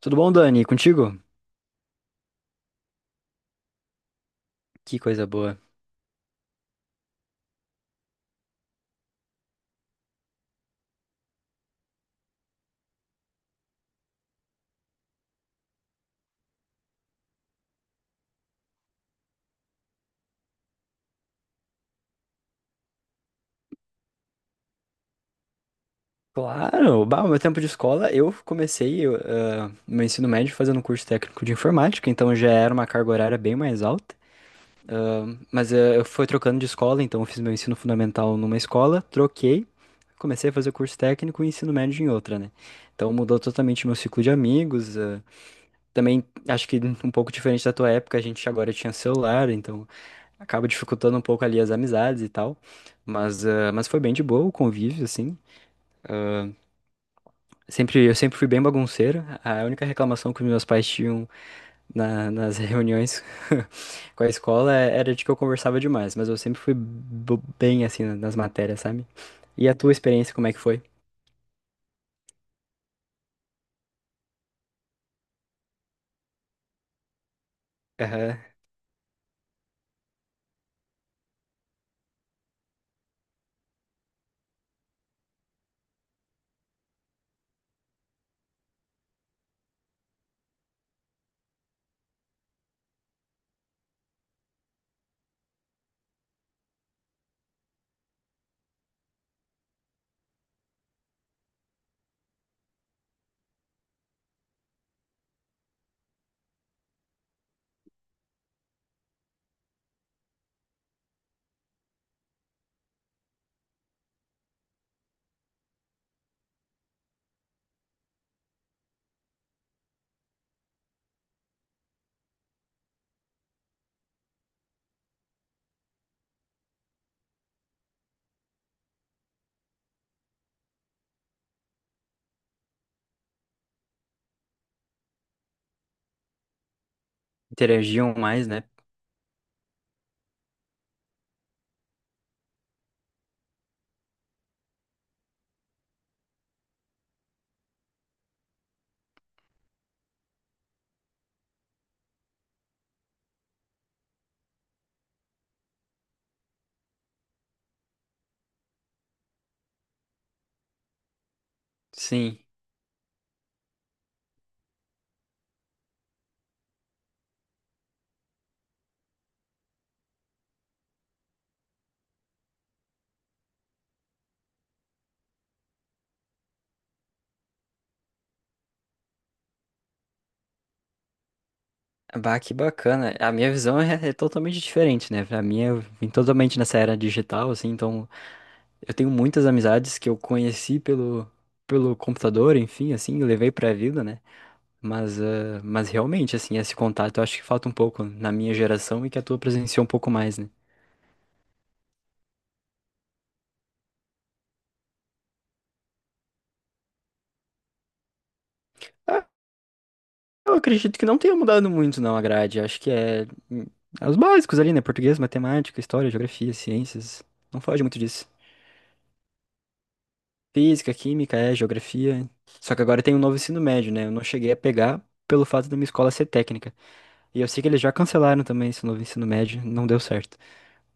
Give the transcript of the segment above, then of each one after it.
Tudo bom, Dani? Contigo? Que coisa boa. Claro, bah, o meu tempo de escola, eu comecei eu, ah, meu ensino médio fazendo um curso técnico de informática, então já era uma carga horária bem mais alta. Ah, mas eu fui trocando de escola, então eu fiz meu ensino fundamental numa escola, troquei, comecei a fazer curso técnico e ensino médio em outra, né? Então mudou totalmente meu ciclo de amigos. Também acho que um pouco diferente da tua época, a gente agora tinha celular, então acaba dificultando um pouco ali as amizades e tal. Mas, mas foi bem de boa o convívio, assim. Ah, Sempre, eu sempre fui bem bagunceiro. A única reclamação que os meus pais tinham nas reuniões com a escola era de que eu conversava demais, mas eu sempre fui bem assim nas matérias, sabe? E a tua experiência, como é que foi? Aham. Interagiam mais, né? Sim. Bah, que bacana. A minha visão é totalmente diferente, né? Pra mim, eu vim totalmente nessa era digital, assim, então eu tenho muitas amizades que eu conheci pelo computador, enfim, assim, eu levei pra vida, né? Mas, mas realmente, assim, esse contato eu acho que falta um pouco na minha geração e que a tua presenciou um pouco mais, né? Ah, eu acredito que não tenha mudado muito, não, a grade. Acho que é os básicos ali, né? Português, matemática, história, geografia, ciências. Não foge muito disso. Física, química, é, geografia. Só que agora tem um novo ensino médio, né? Eu não cheguei a pegar pelo fato da minha escola ser técnica. E eu sei que eles já cancelaram também esse novo ensino médio, não deu certo.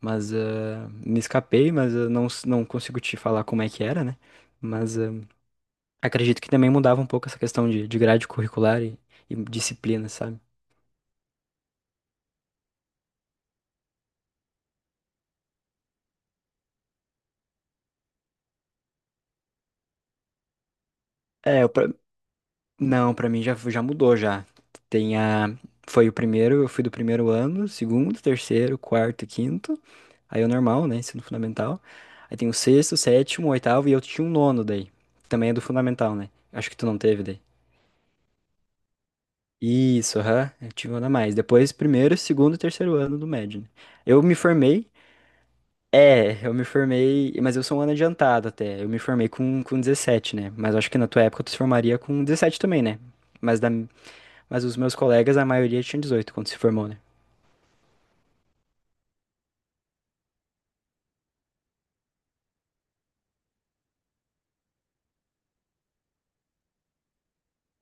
Mas me escapei, mas não, não consigo te falar como é que era, né? Mas acredito que também mudava um pouco essa questão de grade curricular e disciplina, sabe? É, eu não, pra mim já, já mudou já. Tem a... Foi o primeiro, eu fui do primeiro ano, segundo, terceiro, quarto, e quinto. Aí é o normal, né? Ensino fundamental. Aí tem o sexto, sétimo, oitavo e eu tinha um nono daí. Também é do fundamental, né? Acho que tu não teve daí. Isso, aham. Eu tive um ano a mais. Depois, primeiro, segundo e terceiro ano do médio, né? Eu me formei. É, eu me formei, mas eu sou um ano adiantado até. Eu me formei com 17, né? Mas eu acho que na tua época tu se formaria com 17 também, né? Mas, da, mas os meus colegas, a maioria tinha 18 quando se formou, né?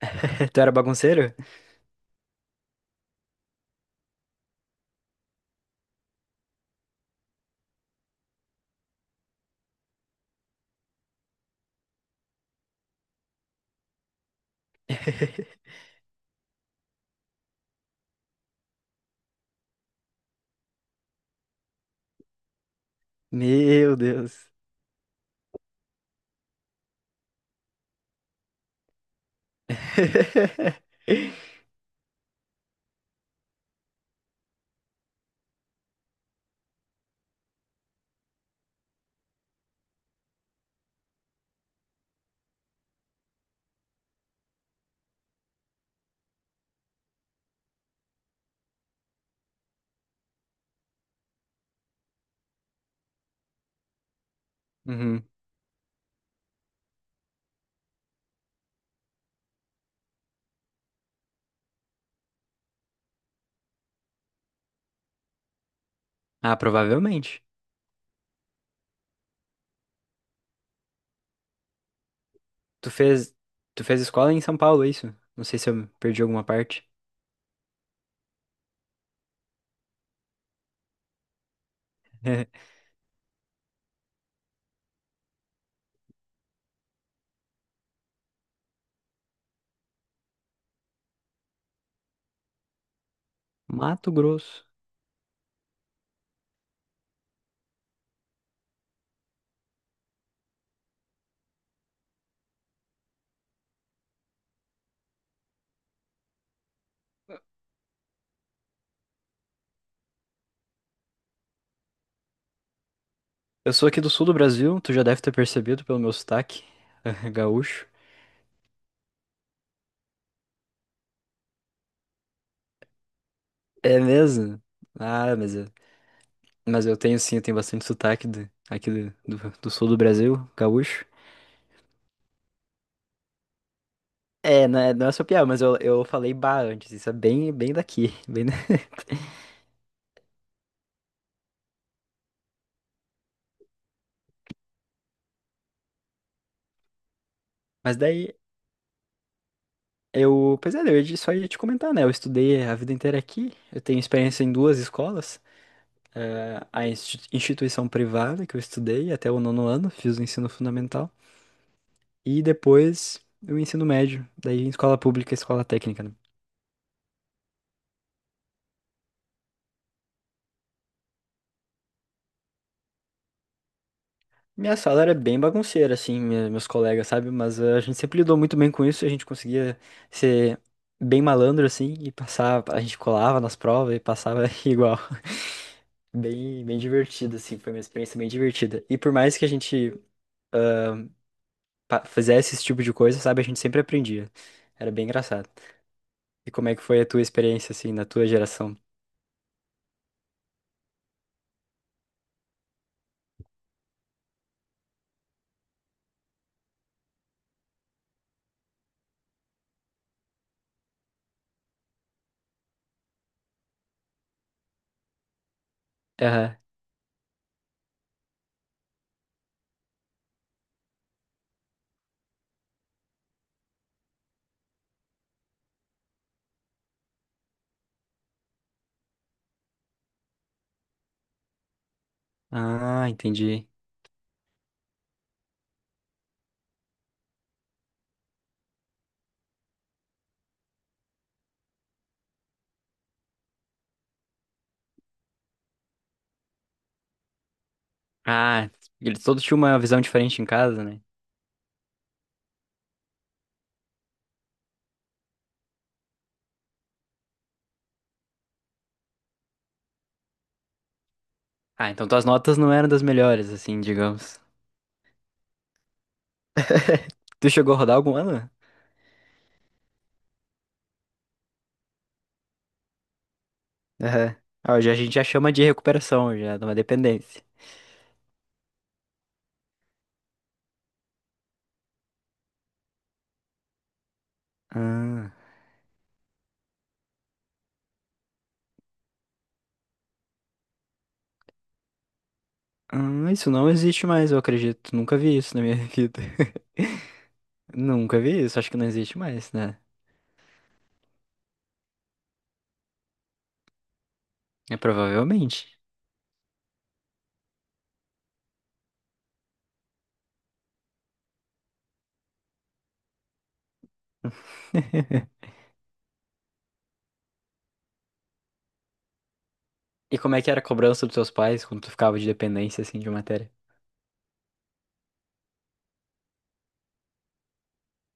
Tu era bagunceiro? Meu Deus. Uhum. Ah, provavelmente. Tu fez, tu fez escola em São Paulo, é isso? Não sei se eu perdi alguma parte. Mato Grosso. Eu sou aqui do sul do Brasil, tu já deve ter percebido pelo meu sotaque gaúcho. É mesmo? Ah, mas, mas eu tenho sim, eu tenho bastante sotaque aqui do sul do Brasil, gaúcho. É, não é, não é só piada, mas eu falei bah antes, isso é bem, bem daqui. Bem... da- Mas daí, eu. Pois é, só ia te comentar, né? Eu estudei a vida inteira aqui, eu tenho experiência em duas escolas. Eh, a instituição privada que eu estudei até o nono ano, fiz o ensino fundamental. E depois o ensino médio, daí em escola pública, escola técnica, né? Minha sala era bem bagunceira, assim, meus colegas, sabe? Mas eh, a gente sempre lidou muito bem com isso, a gente conseguia ser bem malandro, assim, e passar, a gente colava nas provas e passava igual. Bem, bem divertido, assim, foi uma experiência bem divertida. E por mais que a gente fizesse esse tipo de coisa, sabe? A gente sempre aprendia. Era bem engraçado. E como é que foi a tua experiência, assim, na tua geração? Aham. Ah, entendi. Ah, eles todos tinham uma visão diferente em casa, né? Ah, então tuas notas não eram das melhores, assim, digamos. Tu chegou a rodar algum ano? Aham. Ah, hoje a gente já chama de recuperação, já, de uma dependência. Ah, ah, isso não existe mais, eu acredito. Nunca vi isso na minha vida. Nunca vi isso, acho que não existe mais, né? É provavelmente. E como é que era a cobrança dos seus pais quando tu ficava de dependência, assim, de matéria?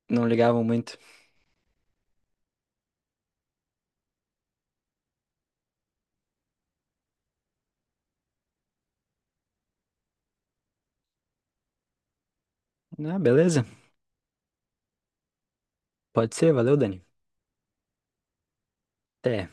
Não ligavam muito. Ah, beleza. Pode ser, valeu, Dani. Até.